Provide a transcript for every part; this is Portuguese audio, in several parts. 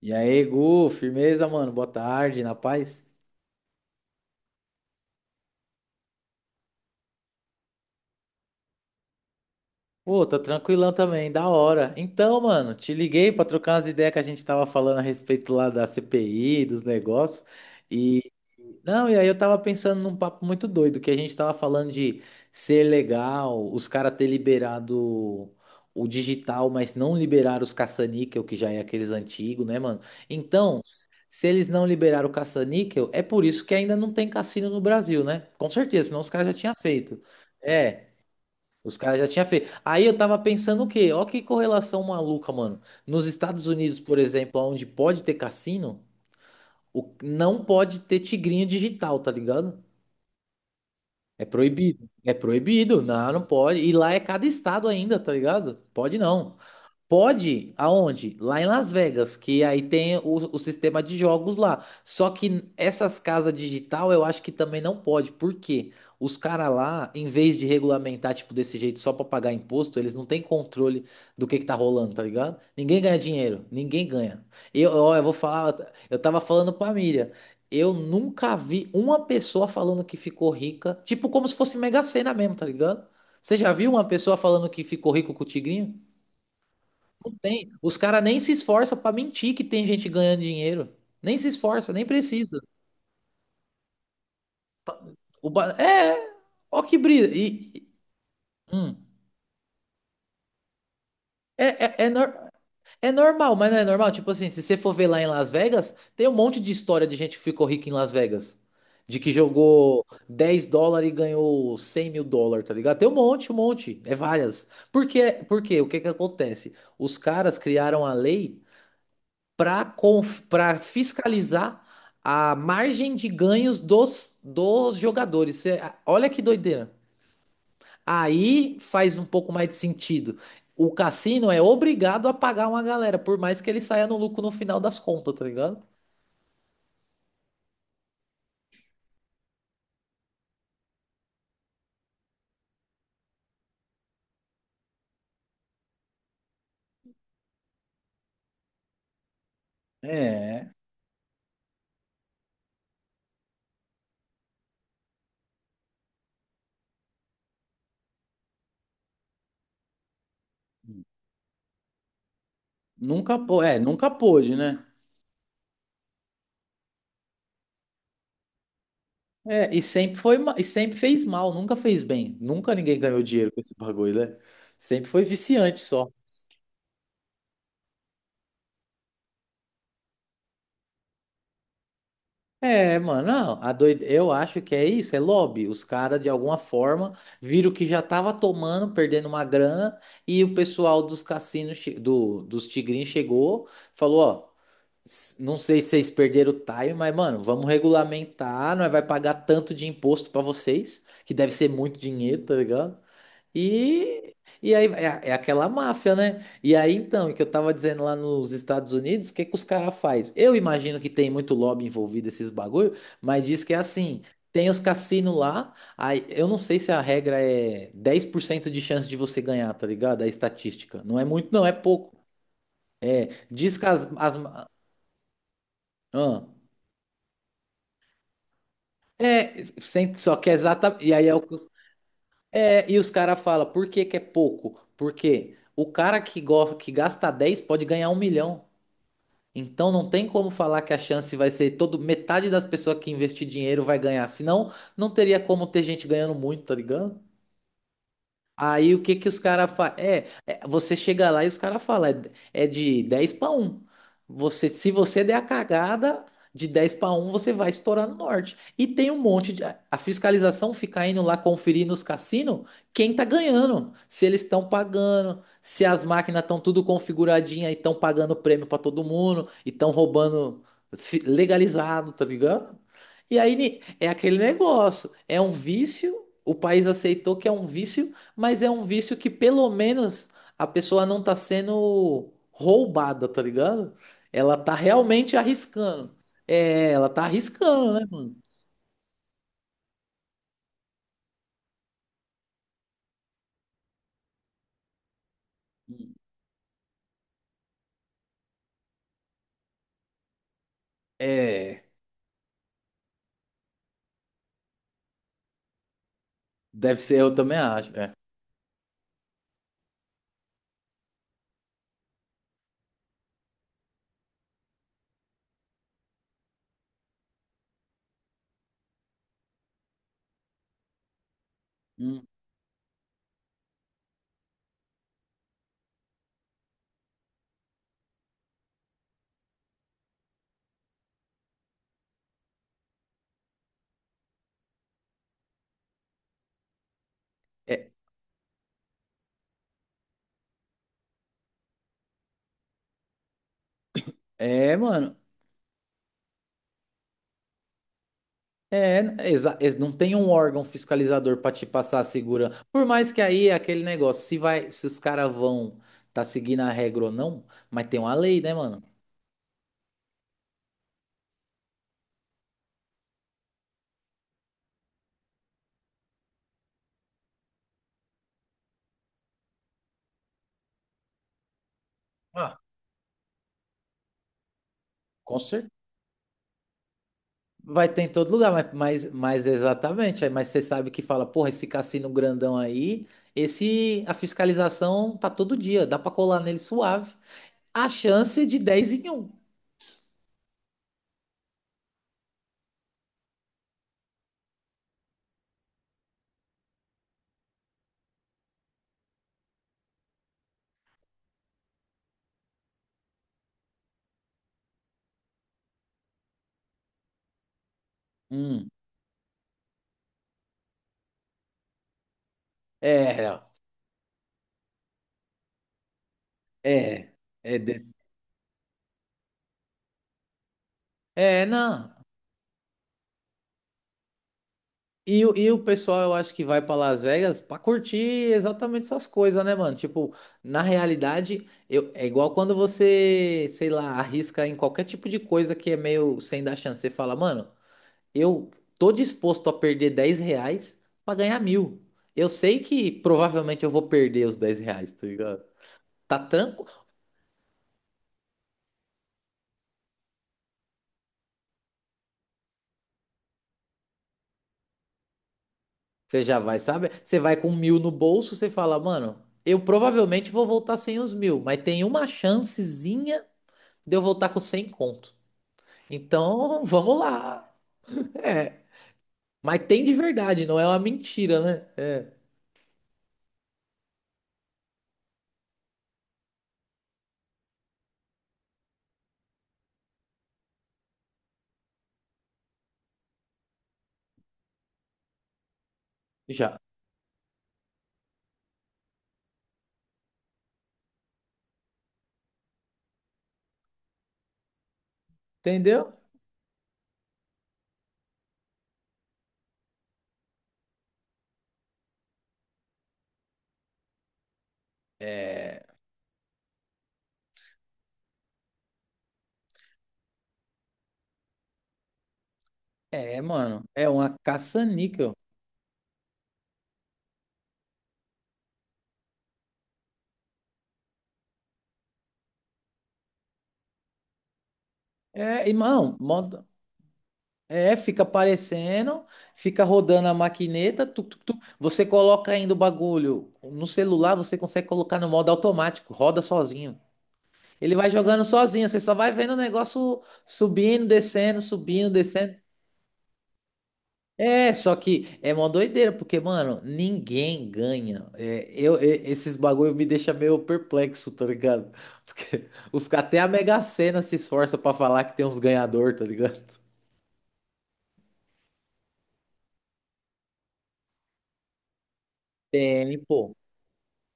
E aí, Gu, firmeza, mano? Boa tarde, na paz? Pô, tô tranquilão também, da hora. Então, mano, te liguei pra trocar umas ideias que a gente tava falando a respeito lá da CPI, dos negócios. Não, e aí eu tava pensando num papo muito doido, que a gente tava falando de ser legal, os caras ter liberado o digital, mas não liberaram os caça-níquel, que já é aqueles antigos, né, mano? Então, se eles não liberaram o caça-níquel, é por isso que ainda não tem cassino no Brasil, né? Com certeza, senão os caras já tinham feito. É, os caras já tinham feito. Aí eu tava pensando o quê? Ó que correlação maluca, mano. Nos Estados Unidos, por exemplo, onde pode ter cassino, não pode ter tigrinho digital, tá ligado? É proibido. É proibido. Não, não pode. E lá é cada estado ainda, tá ligado? Pode não. Pode? Aonde? Lá em Las Vegas, que aí tem o sistema de jogos lá. Só que essas casas digital eu acho que também não pode. Por quê? Os caras lá, em vez de regulamentar, tipo, desse jeito só pra pagar imposto, eles não têm controle do que tá rolando, tá ligado? Ninguém ganha dinheiro, ninguém ganha. Eu, ó, eu vou falar, eu tava falando pra Miriam, eu nunca vi uma pessoa falando que ficou rica, tipo, como se fosse Mega Sena mesmo, tá ligado? Você já viu uma pessoa falando que ficou rico com o tigrinho? Não tem. Os caras nem se esforçam pra mentir que tem gente ganhando dinheiro. Nem se esforça, nem precisa. É, é. Ó que brisa. Hum. É, é, é, nor- É normal, mas não é normal. Tipo assim, se você for ver lá em Las Vegas, tem um monte de história de gente que ficou rica em Las Vegas. De que jogou 10 dólares e ganhou 100 mil dólares, tá ligado? Tem um monte, um monte. É várias. Por quê? Por quê? O que que acontece? Os caras criaram a lei para fiscalizar a margem de ganhos dos jogadores. Olha que doideira. Aí faz um pouco mais de sentido. O cassino é obrigado a pagar uma galera, por mais que ele saia no lucro no final das contas, tá ligado? É, nunca, é, nunca pôde, né? É, e sempre foi, e sempre fez mal, nunca fez bem. Nunca ninguém ganhou dinheiro com esse bagulho, né? Sempre foi viciante só. É, mano, não, eu acho que é isso, é lobby. Os caras, de alguma forma, viram que já tava tomando, perdendo uma grana, e o pessoal dos cassinos, dos tigrinhos chegou, falou, ó, não sei se vocês perderam o time, mas, mano, vamos regulamentar, nós vai pagar tanto de imposto pra vocês, que deve ser muito dinheiro, tá ligado? E, e aí é, é aquela máfia, né? E aí então, o que eu tava dizendo lá nos Estados Unidos, o que que os caras faz? Eu imagino que tem muito lobby envolvido esses bagulho, mas diz que é assim, tem os cassinos lá, aí eu não sei se a regra é 10% de chance de você ganhar, tá ligado? É estatística. Não é muito, não, é pouco. Diz que as ah, é, só que é exata, e aí é o que é, e os caras falam, por que que é pouco? Porque o cara que gosta, que gasta 10 pode ganhar um milhão. Então não tem como falar que a chance vai ser todo metade das pessoas que investir dinheiro vai ganhar, senão não teria como ter gente ganhando muito, tá ligado? Aí o que que os caras fazem? É, é, você chega lá e os caras falam, é, é de 10 para um. Você, se você der a cagada de 10 para um você vai estourar no norte. E tem um monte de. A fiscalização fica indo lá conferir nos cassinos quem tá ganhando, se eles estão pagando, se as máquinas estão tudo configuradinha e estão pagando prêmio para todo mundo, e estão roubando legalizado, tá ligado? E aí é aquele negócio, é um vício. O país aceitou que é um vício, mas é um vício que pelo menos a pessoa não tá sendo roubada, tá ligado? Ela tá realmente arriscando. É, ela tá arriscando, né, mano? É, deve ser, eu também acho. É, hum. É, é, mano. É, não tem um órgão fiscalizador pra te passar a segurança. Por mais que aí é aquele negócio, se vai, se os caras vão tá seguindo a regra ou não, mas tem uma lei, né, mano? Ah, com certeza. Vai ter em todo lugar, mas, mas exatamente. Aí, mas você sabe que fala, porra, esse cassino grandão aí, esse a fiscalização tá todo dia, dá pra colar nele suave. A chance é de 10 em um. Hum, é, é, desse- é, não. E, e o pessoal, eu acho que vai pra Las Vegas pra curtir exatamente essas coisas, né, mano? Tipo, na realidade, eu, é igual quando você, sei lá, arrisca em qualquer tipo de coisa que é meio sem dar chance. Você fala, mano. Eu tô disposto a perder 10 reais pra ganhar mil. Eu sei que provavelmente eu vou perder os 10 reais, tá ligado? Tá tranquilo. Você já vai, sabe? Você vai com mil no bolso, você fala, mano, eu provavelmente vou voltar sem os mil, mas tem uma chancezinha de eu voltar com 100 conto. Então, vamos lá. É. Mas tem de verdade, não é uma mentira, né? Já. Entendeu? É, mano. É uma caça-níquel. É, irmão, moda. É, fica aparecendo, fica rodando a maquineta, tuc, tuc, tuc. Você coloca ainda o bagulho no celular, você consegue colocar no modo automático, roda sozinho. Ele vai jogando sozinho, você só vai vendo o negócio subindo, descendo, subindo, descendo. É, só que é uma doideira, porque, mano, ninguém ganha. É, eu, esses bagulho me deixa meio perplexo, tá ligado? Porque os, até a Mega Sena se esforça pra falar que tem uns ganhador, tá ligado? É, pô.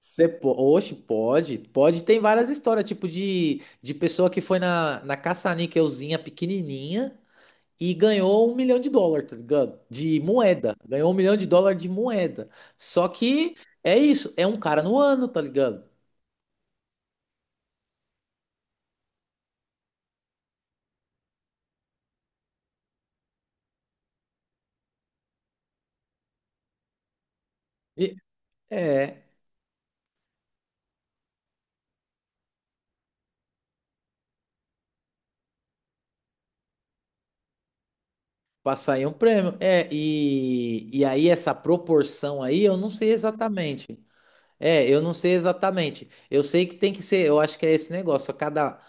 Oxe, pode. Pode. Tem várias histórias, tipo de pessoa que foi na, na caça-níquelzinha pequenininha e ganhou um milhão de dólar, tá ligado? De moeda. Ganhou um milhão de dólar de moeda. Só que é isso. É um cara no ano, tá ligado? E- é. Passar aí um prêmio. É, e aí essa proporção aí, eu não sei exatamente. É, eu não sei exatamente. Eu sei que tem que ser, eu acho que é esse negócio. A cada,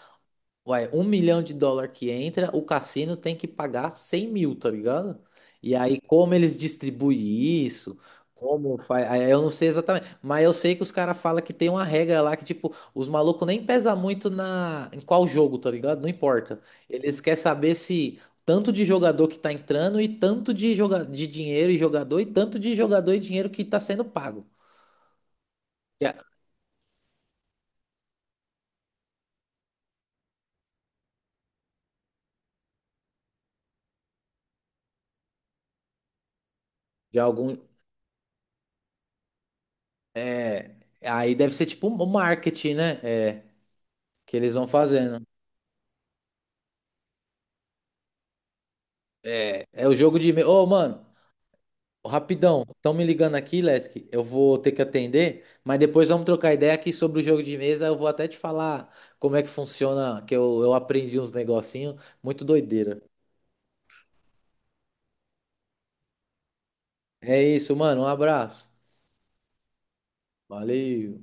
ué, um milhão de dólar que entra, o cassino tem que pagar 100 mil, tá ligado? E aí, como eles distribuem isso, como faz. Aí eu não sei exatamente, mas eu sei que os caras falam que tem uma regra lá que, tipo, os malucos nem pesa muito na... em qual jogo, tá ligado? Não importa. Eles querem saber se tanto de jogador que tá entrando e tanto de, de dinheiro e jogador e tanto de jogador e dinheiro que tá sendo pago. Já, já algum. É... Aí deve ser tipo um marketing, né? É, que eles vão fazendo. É o jogo de. E-mail. Ô, mano, rapidão, estão me ligando aqui, Lesk. Eu vou ter que atender, mas depois vamos trocar ideia aqui sobre o jogo de mesa. Eu vou até te falar como é que funciona, que eu aprendi uns negocinhos. Muito doideira. É isso, mano. Um abraço. Valeu.